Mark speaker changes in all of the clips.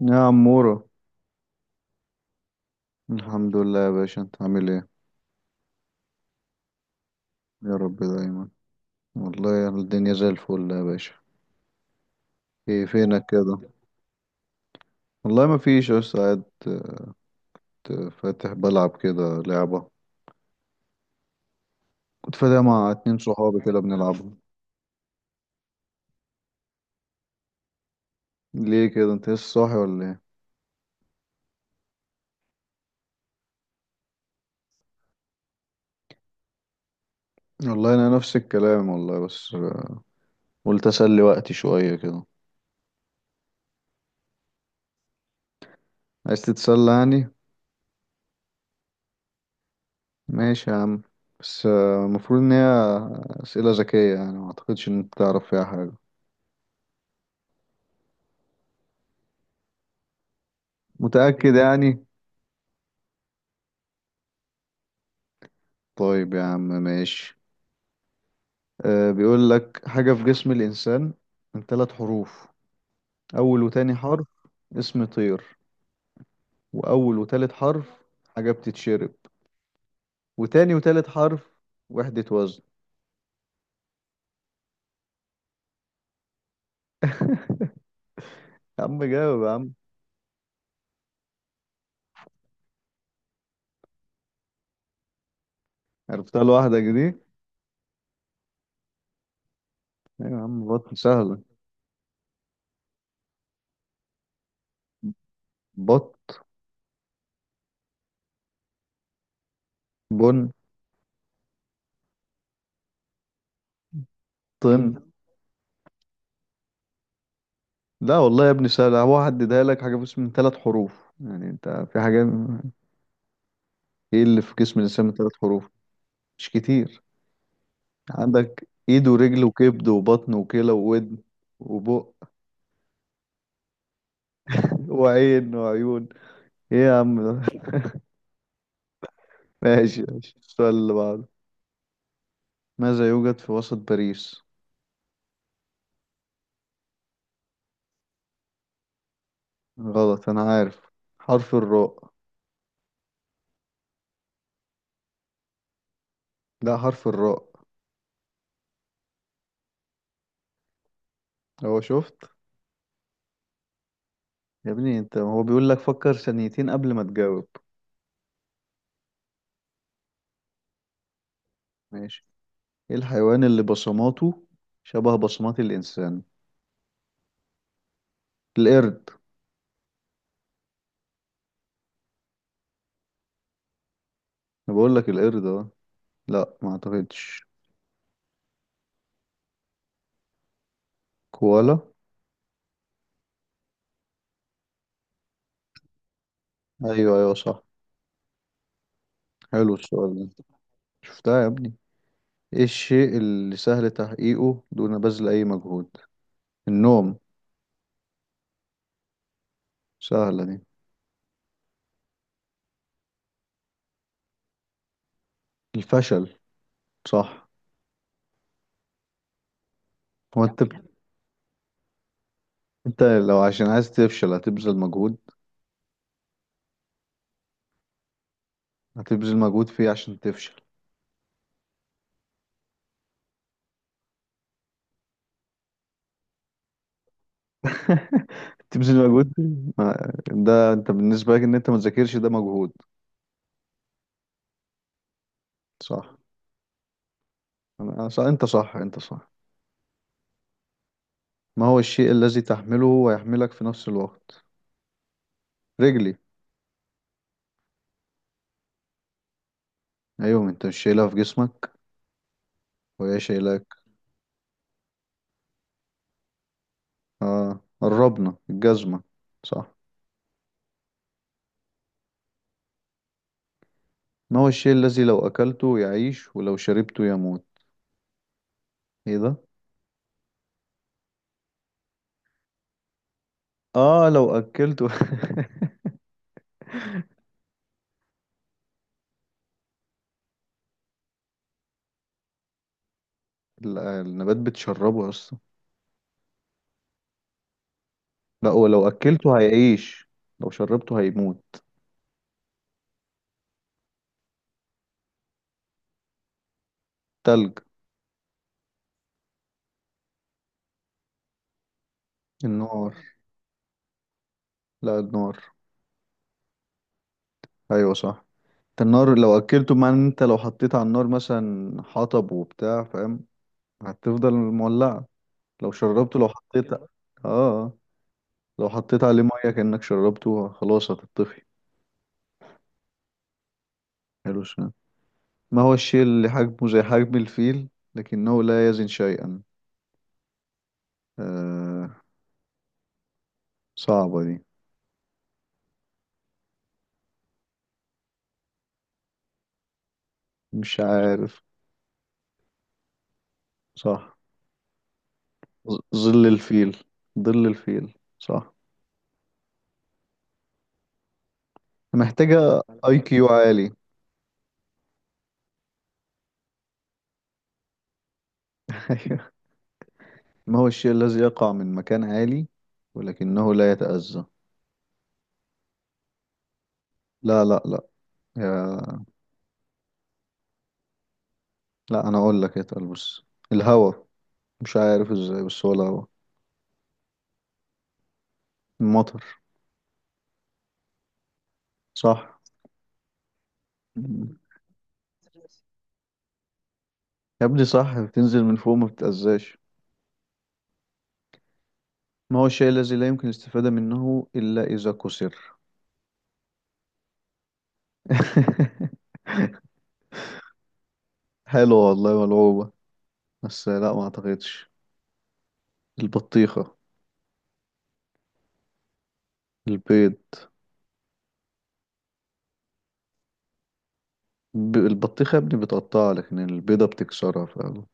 Speaker 1: يا عمورة. الحمد لله يا باشا، انت عامل ايه؟ يا رب دايما. والله الدنيا زي الفل يا باشا. ايه فينك كده؟ والله ما فيش، بس قاعد. كنت فاتح بلعب كده لعبة. كنت فاتح مع اتنين صحابي كده بنلعبها. ليه كده؟ انت لسه صاحي ولا ايه؟ والله انا نفس الكلام والله، بس قلت اسلي وقتي شوية كده. عايز تتسلى يعني. ماشي يا عم، بس المفروض ان هي اسئلة ذكية، يعني ما اعتقدش ان انت تعرف فيها حاجة. متأكد يعني. طيب يا عم، ماشي. أه، بيقول لك حاجة في جسم الإنسان من ثلاث حروف. أول وتاني حرف اسم طير، وأول وتالت حرف حاجة بتتشرب، وتاني وتالت حرف وحدة وزن. يا عم جاوب يا عم. عرفتها لوحدك دي؟ أيوة يا عم، بطن سهلة. بط، بن، طن. لا والله يا ابني سهلة. هو هددها لك حاجة في اسم من ثلاث حروف، يعني انت في حاجة. ايه اللي في جسم الإنسان من ثلاث حروف؟ مش كتير. عندك ايد ورجل وكبد وبطن وكلى وودن وبق وعين وعيون. ايه يا عم ده. ماشي ماشي، السؤال اللي بعده. ماذا يوجد في وسط باريس؟ غلط، انا عارف. حرف الراء. لا، حرف الراء. هو شفت. يا ابني انت، هو بيقول لك فكر ثانيتين قبل ما تجاوب. ماشي. ايه الحيوان اللي بصماته شبه بصمات الانسان؟ القرد. انا بقول لك القرد، اه. لا، ما اعتقدش. كوالا. ايوه ايوه، صح. حلو السؤال ده. شفتها يا ابني. ايه الشيء اللي سهل تحقيقه دون بذل اي مجهود؟ النوم. سهلة دي. الفشل. صح. هو انت انت لو عشان عايز تفشل هتبذل مجهود. هتبذل مجهود فيه عشان تفشل. تبذل مجهود فيه. ده انت بالنسبة لك ان انت ما تذاكرش، ده مجهود. صح. انا صح، انت صح، انت صح. ما هو الشيء الذي تحمله ويحملك في نفس الوقت؟ رجلي. ايوه، ما انت مش شايلها في جسمك وهي شايلاك. اه، قربنا. الجزمة. صح. ما هو الشيء الذي لو أكلته يعيش ولو شربته يموت؟ ايه ده. اه، لو أكلته. لا، النبات بتشربه أصلا. لا، هو لو أكلته هيعيش، لو شربته هيموت. تلج. النار. لا، النار. أيوة صح. النار لو أكلته معناه إن أنت لو حطيت على النار مثلا حطب وبتاع، فاهم؟ هتفضل مولعة. لو شربته، لو حطيت اه، آه. لو حطيت عليه مية كأنك شربته، خلاص هتطفي. حلو. ما هو الشيء اللي حجمه زي حجم الفيل لكنه لا يزن شيئا؟ آه، صعبة دي. مش عارف. صح. ظل الفيل. ظل الفيل، صح. محتاجة اي كيو عالي. أيوة. ما هو الشيء الذي يقع من مكان عالي ولكنه لا يتأذى؟ لا لا لا. يا... لا، انا اقول لك، اتقل بس. الهوا. مش عارف ازاي، بس هو الهوا. المطر. صح. يا ابني، صح، بتنزل من فوق ما بتتأذاش. ما هو الشيء الذي لا يمكن الاستفادة منه إلا إذا كسر؟ حلو والله، ملعوبة. بس لا، ما أعتقدش. البطيخة. البيض. البطيخة يا ابني بتقطعها، لكن البيضة بتكسرها فعلا.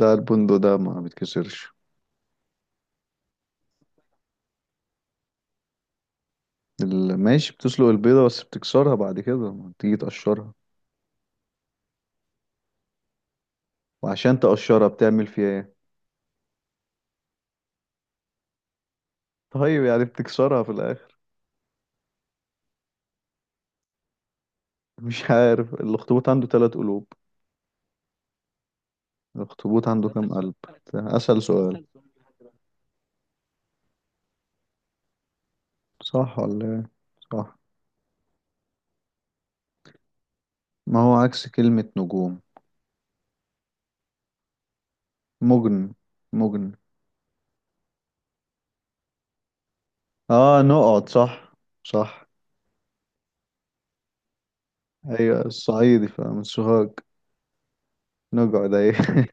Speaker 1: لا، البندق ده ما بيتكسرش. ماشي، بتسلق البيضة بس بتكسرها بعد كده ما تيجي تقشرها. وعشان تقشرها بتعمل فيها ايه؟ طيب، يعني بتكسرها في الآخر. مش عارف. الأخطبوط عنده ثلاث قلوب. الأخطبوط عنده كام قلب؟ ده أسهل سؤال. صح ولا إيه؟ صح. ما هو عكس كلمة نجوم؟ مجن. مجن. اه، نقعد، صح. صح. ايوه، الصعيدي فمن سوهاج. نقعد، ايوه.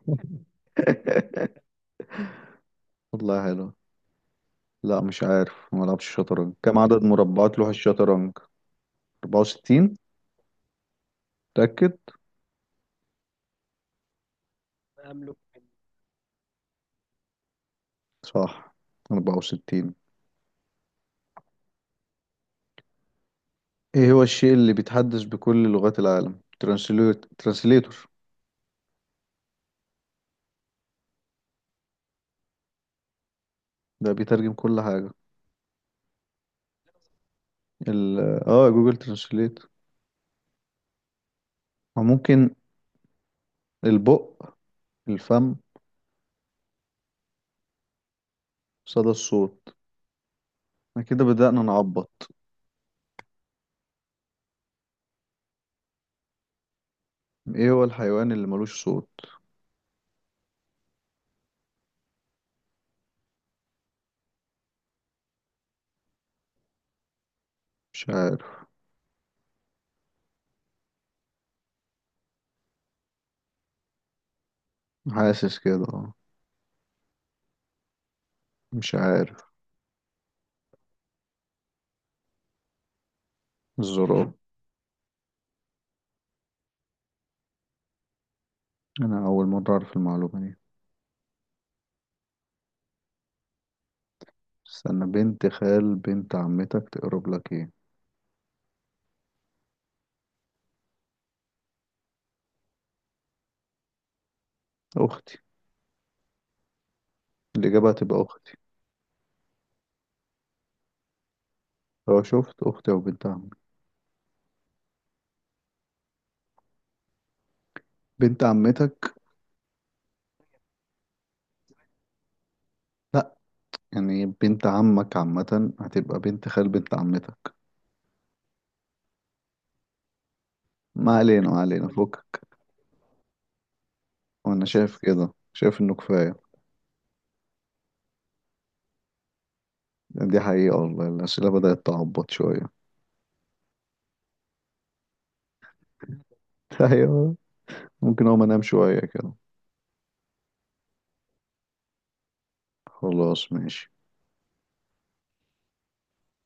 Speaker 1: والله حلو. لا، مش عارف. ما لعبش شطرنج. كم عدد مربعات لوح الشطرنج؟ 64. متأكد. صح. 64. ايه هو الشيء اللي بيتحدث بكل لغات العالم؟ ترانسليت، ترانسليتور. ده بيترجم كل حاجة. ال اه، جوجل ترانسليت. وممكن البق، الفم، صدى الصوت. احنا كده بدأنا نعبط. ايه هو الحيوان اللي ملوش صوت؟ مش عارف. حاسس كده، اه. مش عارف. الزراب. انا اول مرة اعرف المعلومة دي. استنى، بنت خال بنت عمتك تقرب لك ايه؟ اختي. الاجابة هتبقى اختي. لو شفت اختي او بنت عمك، بنت عمتك. لا، يعني بنت عمك عامة هتبقى بنت خال بنت عمتك. ما علينا ما علينا، فوق. وانا شايف كده، شايف انه كفاية. دي حقيقة والله، الأسئلة بدأت تعبط شوية. ايوه. ممكن اقوم انام شوية كده. خلاص، ماشي.